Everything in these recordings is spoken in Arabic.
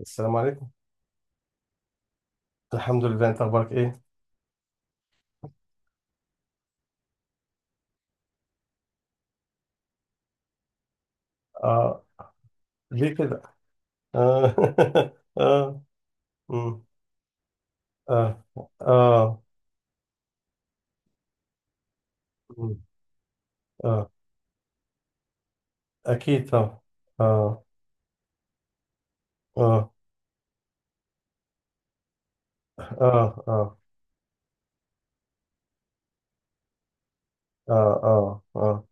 السلام عليكم. الحمد لله، انت اخبارك ايه؟ اه. ليه كده؟ اه. اه. مم. اه. اه. مم. اه. اكيد طبعا. اه. اه. اه. اه. اه. اه. اه.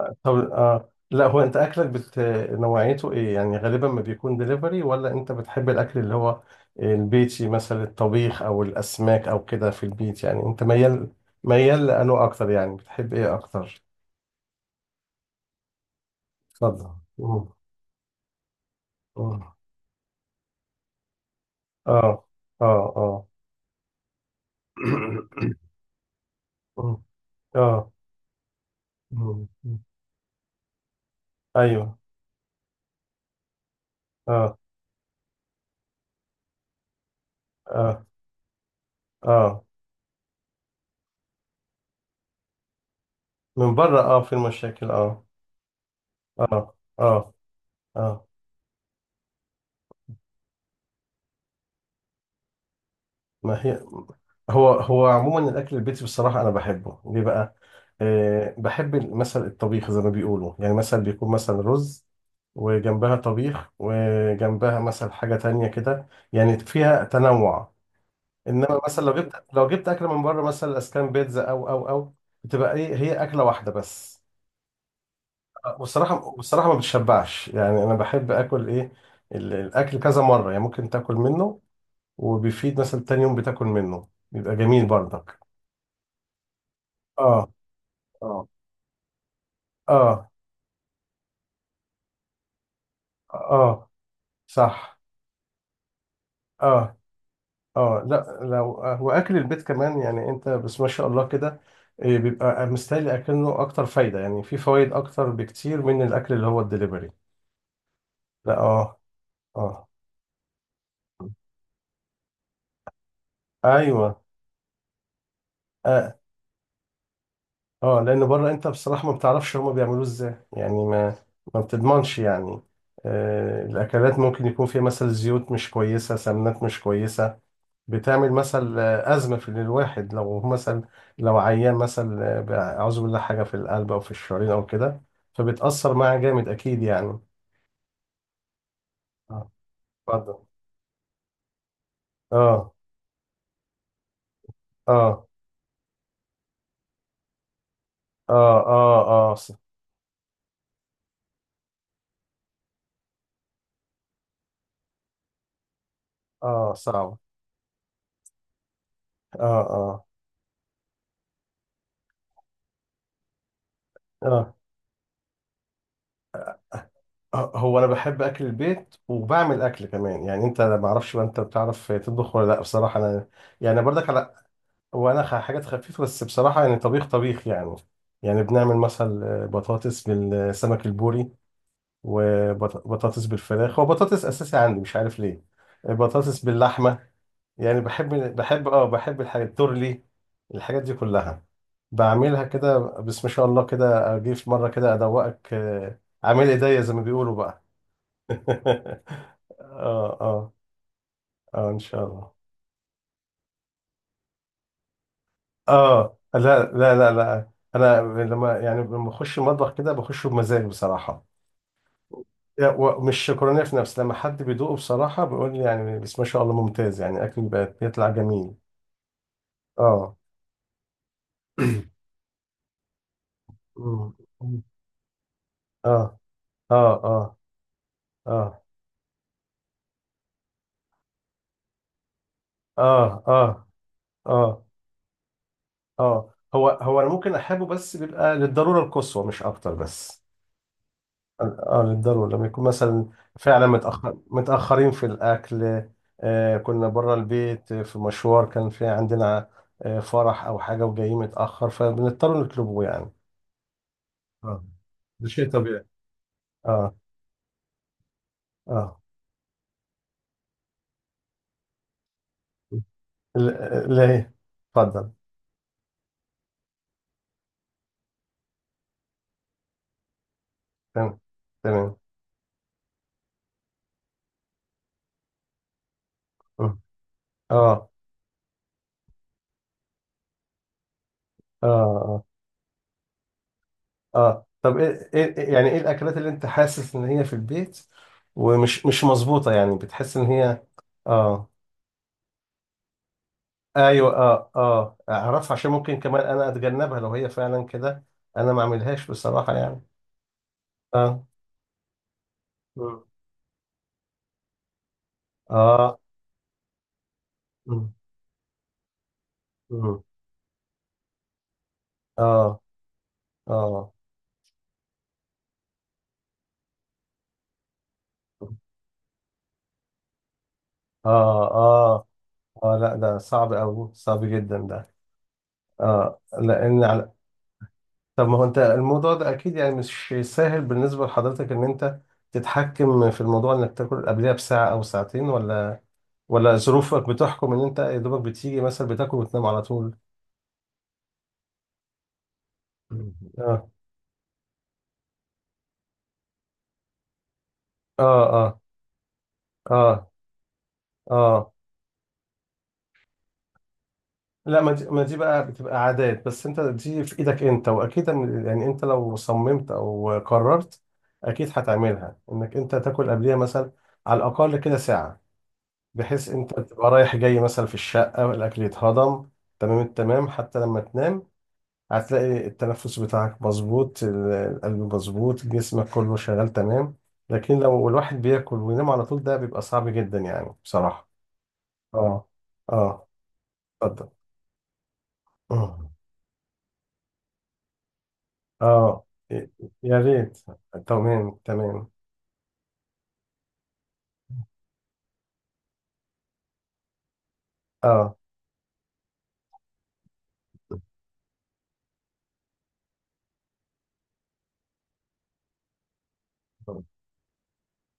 طب اه، لا هو انت اكلك نوعيته ايه؟ يعني غالبا ما بيكون دليفري، ولا انت بتحب الاكل اللي هو البيتي، مثلا الطبيخ او الاسماك او كده في البيت؟ يعني انت ميال لانه اكتر؟ يعني بتحب ايه اكتر؟ اتفضل. مم. مم. اه. اه. اه. مم. اه. مم. ايوه. اه. اه. اه. من بره، اه، في المشاكل. اه. اه. اه. اه. ما هي هو عموما الاكل البيتي، بصراحه انا بحبه. ليه بقى؟ آه، بحب مثلا الطبيخ، زي ما بيقولوا يعني، مثلا بيكون مثلا رز وجنبها طبيخ، وجنبها مثلا حاجه تانية كده، يعني فيها تنوع. انما مثلا لو جبت اكل من بره، مثلا اسكان بيتزا او او، بتبقى ايه، هي اكله واحده بس. والصراحه ما بتشبعش، يعني انا بحب اكل ايه، الاكل كذا مره، يعني ممكن تاكل منه وبيفيد، مثلا تاني يوم بتاكل منه بيبقى جميل برضك. اه. اه. اه. اه. صح. اه. اه، لا لو واكل البيت كمان، يعني انت بس ما شاء الله كده، إيه، بيبقى مستاهل، اكنه اكتر فايده، يعني في فوائد اكتر بكتير من الاكل اللي هو الدليفري. لا اه. اه. ايوه. اه. اه، لان بره انت بصراحه ما بتعرفش هما بيعملوه ازاي، يعني ما بتضمنش يعني. آه، الاكلات ممكن يكون فيها مثلا زيوت مش كويسه، سمنات مش كويسه، بتعمل مثلا ازمه في الواحد، لو مثلا لو عيان، مثلا اعوذ بالله، حاجه في القلب او في الشرايين او كده، فبتاثر معاه جامد اكيد يعني. اه. اتفضل. اه. اه. اه. اه. اه. اه صعب. اه. اه. آه. هو انا بحب اكل البيت، وبعمل اكل كمان. يعني انت، أنا ما اعرفش بقى، انت بتعرف تطبخ ولا لا؟ بصراحه انا يعني برضك على، وانا حاجات خفيفه بس بصراحه، يعني طبيخ يعني، يعني بنعمل مثلا بطاطس بالسمك البوري، وبطاطس بالفراخ. هو بطاطس اساسي عندي، مش عارف ليه. بطاطس باللحمه، يعني بحب، بحب الحاجات التورلي، الحاجات دي كلها بعملها كده. بس ما شاء الله كده، اجي في مره كده ادوقك، عامل ايديا زي ما بيقولوا بقى. اه. اه. اه ان شاء الله. اه لا لا لا لا، انا لما لما اخش المطبخ كده بخش بمزاج بصراحه. يعني ومش شكرانيه في نفسي، لما حد بيدوقه بصراحه بيقول لي يعني، بس ما شاء الله ممتاز يعني، اكل بقى بيطلع جميل. اه. أمم. اه اه. اه. اه. اه. اه. اه. اه. هو انا ممكن احبه، بس بيبقى للضروره القصوى مش اكتر بس. اه، للضرورة، لما يكون مثلا فعلا متأخر، متأخرين في الأكل. آه، كنا بره البيت، في مشوار، كان في عندنا فرح أو حاجة، وجايين متأخر، فبنضطر نطلبه يعني. اه. ده شيء طبيعي. اه. اه. ليه؟ اتفضل. تمام تمام. اه. اه. اه. اه. طب ايه، إيه- إيه، يعني ايه الأكلات اللي أنت حاسس إن هي في البيت ومش مش مظبوطة؟ يعني بتحس إن هي اه، ايوه، اه اه. اعرفها، عشان ممكن كمان انا اتجنبها لو هي فعلا كده، انا ما اعملهاش بصراحه يعني. اه. مم. اه. مم. مم. اه. اه. اه. اه. اه لا، ده صعب قوي، صعب جدا ده. اه لان على، طب ما هو انت الموضوع ده اكيد يعني مش سهل بالنسبه لحضرتك، ان انت تتحكم في الموضوع انك تاكل قبلها بساعه او ساعتين، ولا ظروفك بتحكم ان انت يا دوبك بتيجي مثلا بتاكل وتنام على طول. اه. اه. اه. اه. اه لا، ما دي بقى بتبقى عادات، بس انت دي في ايدك انت، واكيد يعني انت لو صممت او قررت اكيد هتعملها، انك انت تاكل قبليها مثلا على الاقل كده ساعة، بحيث انت تبقى رايح جاي مثلا في الشقة والاكل يتهضم تمام التمام. حتى لما تنام هتلاقي التنفس بتاعك مظبوط، القلب مظبوط، جسمك كله شغال تمام. لكن لو الواحد بياكل وينام على طول، ده بيبقى صعب جدا يعني بصراحة. اه. اه. اتفضل. اه. ي- يا ريت. تمام تمام. اه.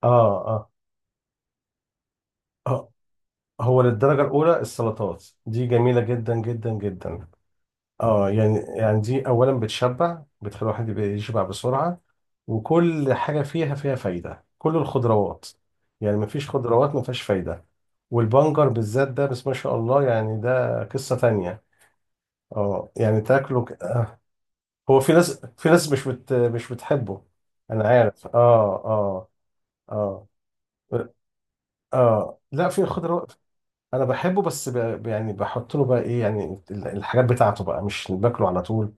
اه. اه. آه. هو للدرجة الأولى السلطات دي جميلة جدا جدا جدا. اه، يعني دي أولا بتشبع، بتخلي الواحد يبقى يشبع بسرعة، وكل حاجة فيها فايدة، كل الخضروات. يعني مفيش خضروات مفيهاش فايدة. والبنجر بالذات ده بس ما شاء الله، يعني ده قصة تانية. اه يعني تاكله آه. هو في ناس مش بتحبه. انا عارف، اه اه. اه. اه لا، في خضار، انا بحبه بس يعني بحط له بقى ايه يعني، الحاجات بتاعته بقى، مش باكله على طول.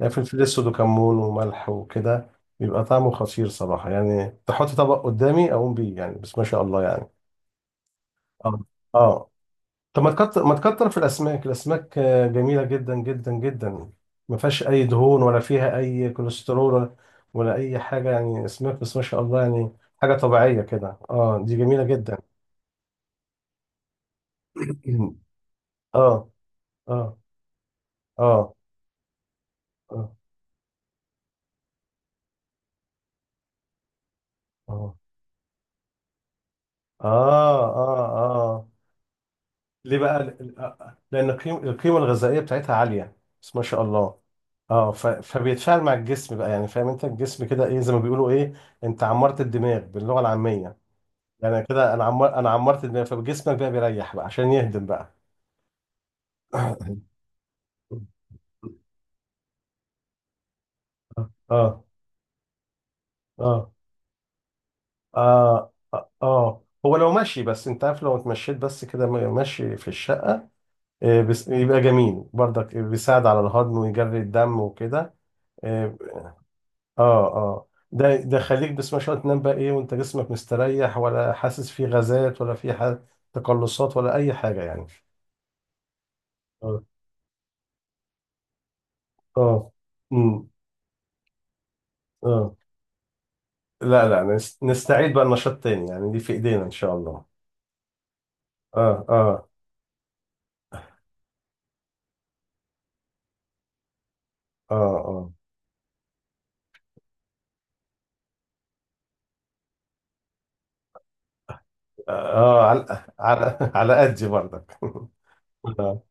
يعني فلفل اسود وكمون وملح وكده بيبقى طعمه خطير صراحه، يعني تحط طبق قدامي اقوم بيه يعني، بس ما شاء الله يعني. اه. اه. طب ما تكتر في الاسماك. الاسماك جميله جدا جدا جدا، ما فيهاش اي دهون، ولا فيها اي كوليسترول، ولا اي حاجه، يعني اسماك بس ما شاء الله يعني، حاجه طبيعيه كده. اه، دي جميله جدا. اه. اه. اه. اه. اه. اه. اه. آه. ليه بقى؟ لان القيمه الغذائيه بتاعتها عاليه، بس ما شاء الله. اه فبيتفاعل مع الجسم بقى، يعني فاهم انت، الجسم كده ايه زي ما بيقولوا ايه، انت عمرت الدماغ باللغه العاميه، يعني كده انا عمرت الدماغ، فجسمك بقى بيريح بقى، عشان يهدم بقى. اه. اه. اه. اه. اه. هو لو ماشي بس، انت عارف، لو اتمشيت بس كده ماشي في الشقه، إيه، بس يبقى جميل برضك، بيساعد على الهضم ويجري الدم وكده. إيه. اه اه، ده خليك بس ما شاء الله تنام بقى ايه وانت جسمك مستريح، ولا حاسس فيه غازات، ولا فيه تقلصات، ولا اي حاجه يعني. اه. اه. امم. اه. لا لا، نستعيد بقى النشاط تاني، يعني دي في ايدينا ان شاء الله. اه. اه. اه. اه. اه. على على قدي برضك. آه.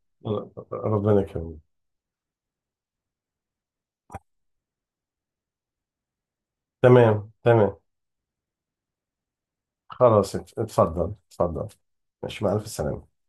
ربنا يكرمك. تمام تمام. خلاص، اتفضل اتفضل. ماشي، مع ألف سلامة.